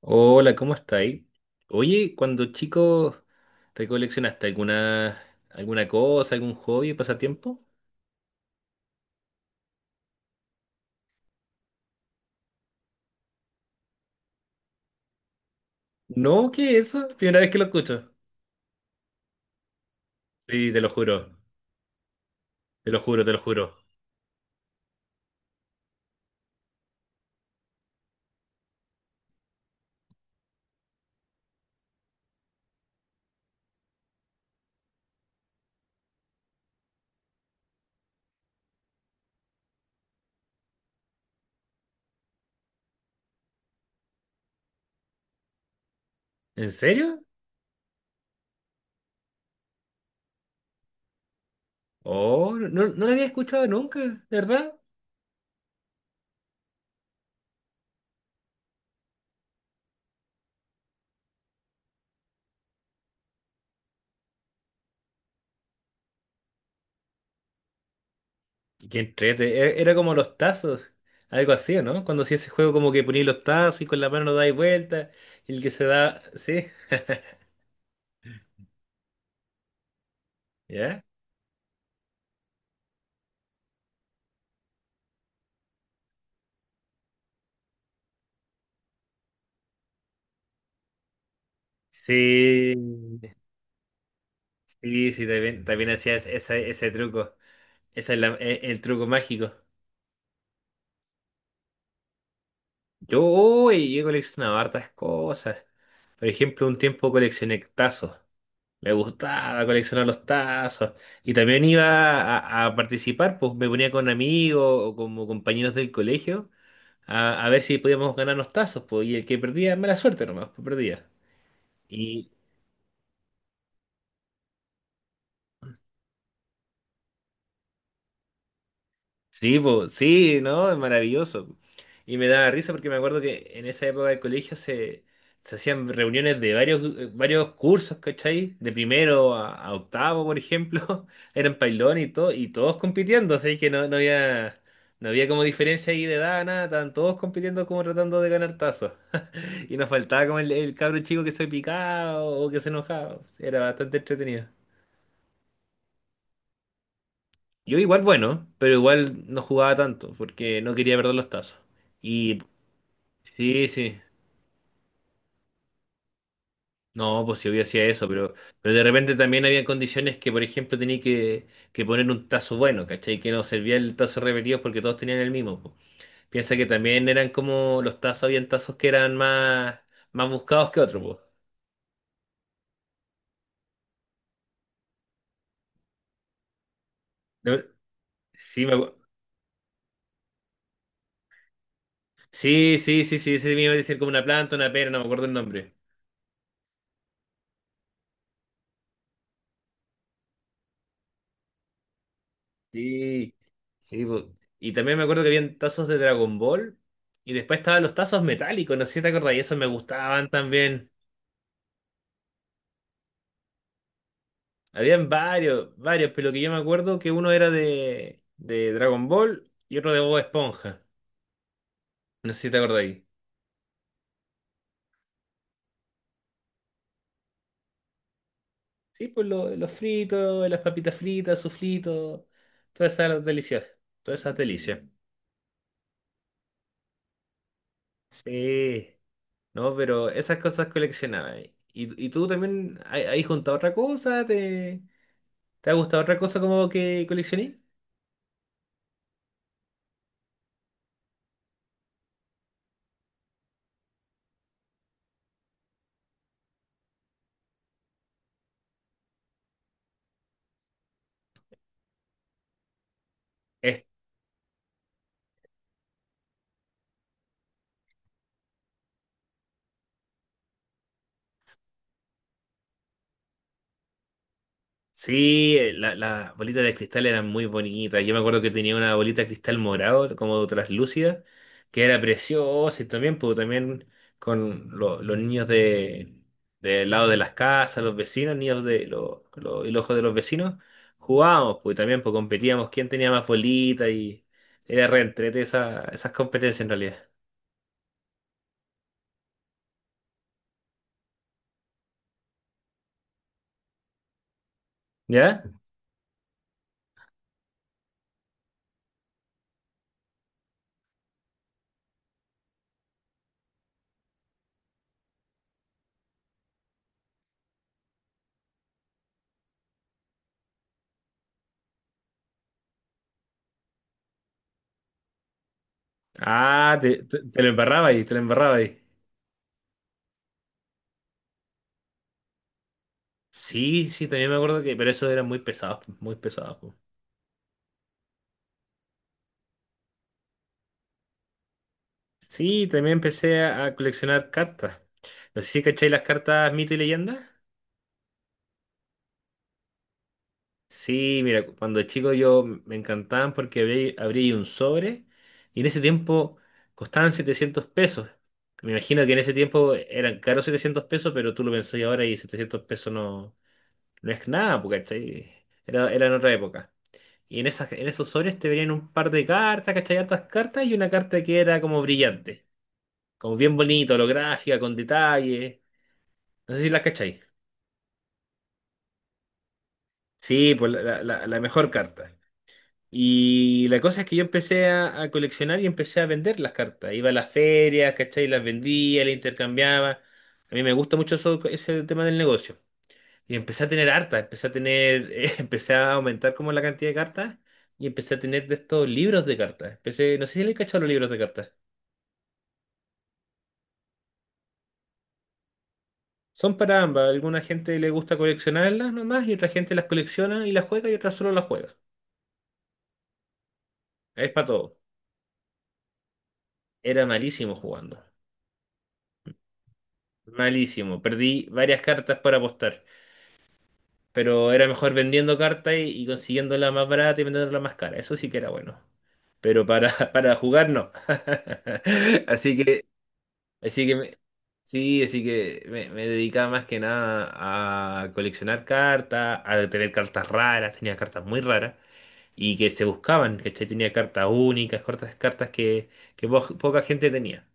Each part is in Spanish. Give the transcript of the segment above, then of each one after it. Hola, ¿cómo estáis? Oye, cuando chico, ¿recoleccionaste alguna cosa, algún hobby, pasatiempo? No, ¿qué es eso? Primera vez que lo escucho. Sí, te lo juro, te lo juro, te lo juro. ¿En serio? Oh, no, no lo había escuchado nunca, ¿de verdad? Qué entrete, era como los tazos, algo así, ¿o no? Cuando hacía ese juego como que ponías los tazos y con la mano dais vuelta, y el que se da, sí, ¿ya? Sí, sí, sí, también, también hacía ese truco. Ese es el truco mágico. Yo he coleccionado hartas cosas. Por ejemplo, un tiempo coleccioné tazos. Me gustaba coleccionar los tazos. Y también iba a participar, pues me ponía con amigos o como compañeros del colegio a ver si podíamos ganar los tazos, pues. Y el que perdía, mala suerte nomás, pues perdía. Sí, po, sí, ¿no? Es maravilloso. Y me daba risa porque me acuerdo que en esa época del colegio se hacían reuniones de varios cursos, ¿cachai? De primero a octavo, por ejemplo, eran pailón y todo, y todos compitiendo, así que no había, no había como diferencia ahí de edad, nada, estaban todos compitiendo como tratando de ganar tazos. Y nos faltaba como el cabro chico que se picaba o que se enojaba. Era bastante entretenido. Yo igual bueno, pero igual no jugaba tanto porque no quería perder los tazos. Y. Sí, sí. No, pues si obvio hacía eso, pero de repente también había condiciones que, por ejemplo, tenía que poner un tazo bueno, ¿cachai? Que no servía el tazo repetido porque todos tenían el mismo, po. Piensa que también eran como los tazos, habían tazos que eran más buscados que otros, po. No, sí, sí, sí, sí, sí, ese me iba a decir como una planta, una pera, no me acuerdo el nombre. Sí, sí, po. Y también me acuerdo que habían tazos de Dragon Ball y después estaban los tazos metálicos, no sé si te acordás, y esos me gustaban también. Habían varios, pero que yo me acuerdo que uno era de Dragon Ball y otro de Bob Esponja. No sé si te acordáis. Sí, pues los fritos, las papitas fritas, suflitos, todas esas delicias, todas esas delicias. Sí, no, pero esas cosas coleccionaba. ¿Y tú también juntado otra cosa? ¿Te ha gustado otra cosa como que coleccioné? Sí, las bolitas de cristal eran muy bonitas. Yo me acuerdo que tenía una bolita de cristal morado, como traslúcida, que era preciosa y también, pues, también con los niños de, del lado de las casas, los vecinos, niños de los hijos de los vecinos, jugábamos, pues también pues, competíamos quién tenía más bolita y era re entrete esas competencias en realidad. ¿Ya? Ah, te lo embarraba ahí, te lo embarraba ahí. Sí, sí, también me acuerdo que, pero esos eran muy pesados, pues, muy pesados, pues. Sí, también empecé a coleccionar cartas. No sé si cacháis las cartas mito y leyenda. Sí, mira, cuando chico yo me encantaban porque abrí un sobre y en ese tiempo costaban 700 pesos. Me imagino que en ese tiempo eran caros 700 pesos, pero tú lo pensás ahora y 700 pesos no es nada, porque, ¿cachai? Era en otra época. Y en esos sobres te venían un par de cartas, ¿cachai? Hartas cartas y una carta que era como brillante, como bien bonita, holográfica, con detalles. No sé si la cachai. Sí, pues la mejor carta. Y la cosa es que yo empecé a coleccionar y empecé a vender las cartas. Iba a las ferias, ¿cachai? Las vendía, las intercambiaba. A mí me gusta mucho ese tema del negocio. Y empecé a tener hartas, empecé a tener, empecé a aumentar como la cantidad de cartas y empecé a tener de estos libros de cartas. Empecé, no sé si le he cachado los libros de cartas. Son para ambas. Alguna gente le gusta coleccionarlas nomás y otra gente las colecciona y las juega y otra solo las juega. Es para todo. Era malísimo jugando. Malísimo. Perdí varias cartas para apostar. Pero era mejor vendiendo cartas y consiguiéndola más barata y vendiéndola más cara. Eso sí que era bueno. Pero para jugar no. Así que, así que sí, me dedicaba más que nada a coleccionar cartas, a tener cartas raras, tenía cartas muy raras y que se buscaban, ¿cachai? Tenía cartas únicas, cartas que, poca gente tenía.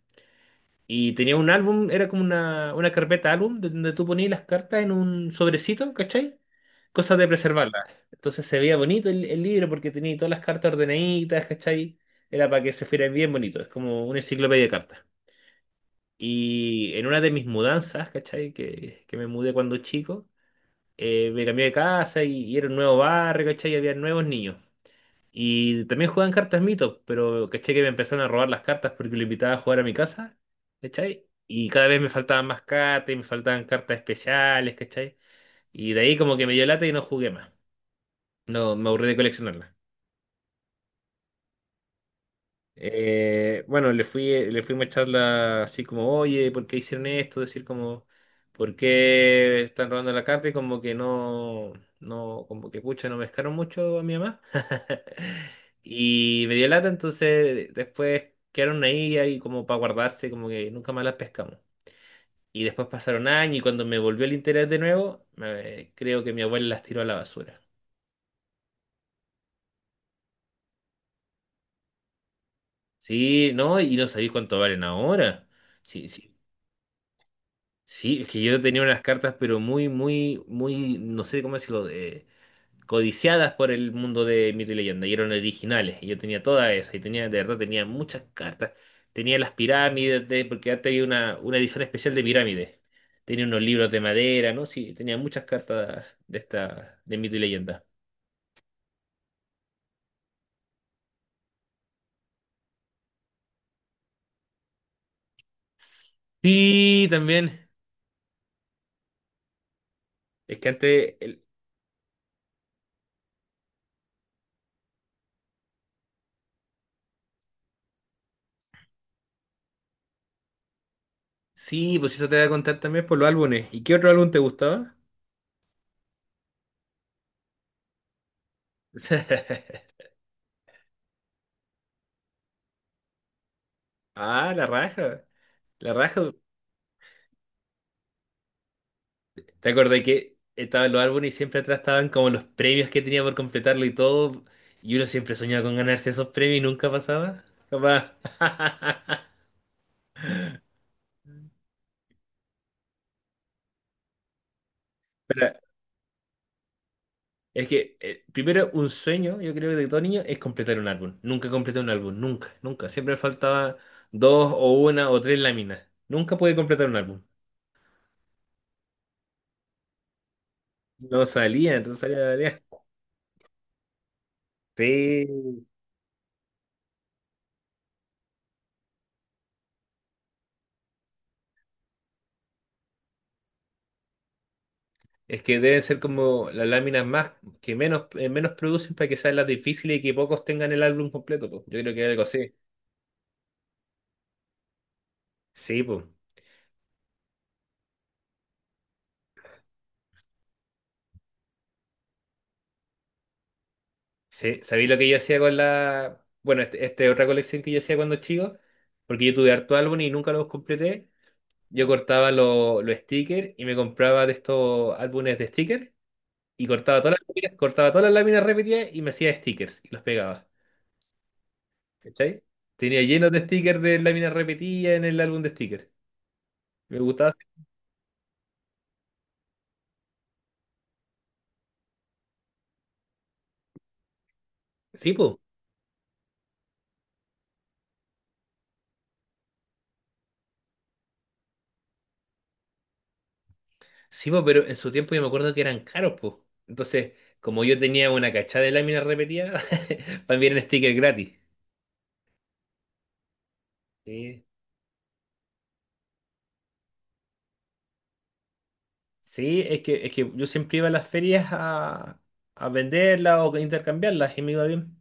Y tenía un álbum, era como una carpeta álbum donde tú ponías las cartas en un sobrecito, ¿cachai? Cosa de preservarlas. Entonces se veía bonito el libro porque tenía todas las cartas ordenaditas, ¿cachai? Era para que se fuera bien bonito, es como una enciclopedia de cartas. Y en una de mis mudanzas, ¿cachai? Que me mudé cuando chico, me cambié de casa y era un nuevo barrio, ¿cachai? Y había nuevos niños. Y también juegan cartas mito, pero caché que me empezaron a robar las cartas porque lo invitaba a jugar a mi casa, ¿cachai? Y cada vez me faltaban más cartas y me faltaban cartas especiales, ¿cachai? Y de ahí como que me dio lata y no jugué más. No, me aburrí de coleccionarlas. Bueno, le fuimos a echar la, así como, oye, ¿por qué hicieron esto? Decir como, ¿por qué están robando la carta? Y como que no, como que pucha, no pescaron mucho a mi mamá. Y me dio lata, entonces después quedaron ahí como para guardarse, como que nunca más las pescamos. Y después pasaron años y cuando me volvió el interés de nuevo, creo que mi abuela las tiró a la basura. Sí, no, y no sabéis cuánto valen ahora. Sí, sí. Sí, es que yo tenía unas cartas, pero muy, muy, muy, no sé cómo decirlo, codiciadas por el mundo de Mito y Leyenda, y eran originales. Y yo tenía todas esas, y tenía, de verdad, tenía muchas cartas. Tenía las pirámides, porque antes había una edición especial de pirámides. Tenía unos libros de madera, ¿no? Sí, tenía muchas cartas de Mito y Leyenda. Sí, también. Es que antes, sí, pues eso te voy a contar también por los álbumes. ¿Y qué otro álbum te gustaba? Ah, la raja. La raja. ¿Te acordás que estaban los álbumes y siempre atrás estaban como los premios que tenía por completarlo y todo? Y uno siempre soñaba con ganarse esos premios y nunca pasaba. Capaz. Pero es que primero un sueño, yo creo, de todo niño es completar un álbum. Nunca completé un álbum, nunca, nunca. Siempre me faltaba dos o una o tres láminas. Nunca pude completar un álbum. No salía, entonces salía, salía. Sí. Es que deben ser como las láminas más que menos, menos producen para que sean las difíciles y que pocos tengan el álbum completo, po. Yo creo que algo así. Sí, pues. Sí, ¿sabéis lo que yo hacía con la? Bueno, esta es otra colección que yo hacía cuando chico, porque yo tuve harto álbum y nunca los completé. Yo cortaba los stickers y me compraba de estos álbumes de stickers y cortaba todas las láminas, cortaba todas las láminas repetidas y me hacía stickers y los pegaba. ¿Cachai? Tenía llenos de stickers de láminas repetidas en el álbum de stickers. Me gustaba. Sí, pues. Sí, po, pero en su tiempo yo me acuerdo que eran caros, pues. Entonces, como yo tenía una cachada de láminas repetidas, también eran stickers gratis. Sí, sí, es que yo siempre iba a las ferias a venderlas o intercambiarlas y me iba bien.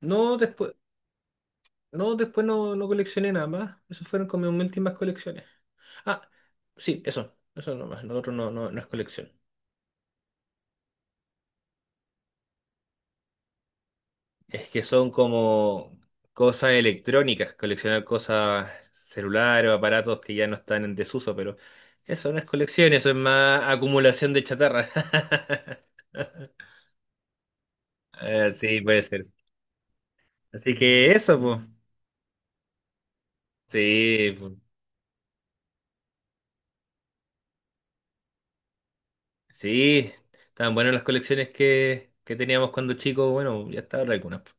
No, no, después no coleccioné nada más. Esas fueron como mis últimas colecciones. Ah, sí, eso nomás. Lo otro no, no, no es colección. Es que son como cosas electrónicas, coleccionar cosas celulares o aparatos que ya no están en desuso, pero eso no es colección, eso es más acumulación de chatarra. Sí, puede ser. Así que eso, pues. Sí, po. Sí, estaban buenas las colecciones que teníamos cuando chicos, bueno, ya está ahora algunas, po.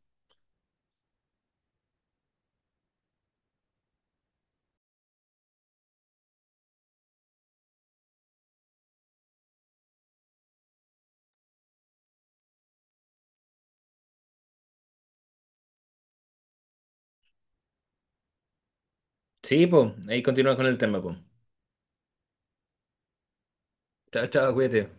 Sí, pues, ahí continuamos con el tema, pues. Chao, chao, cuídate.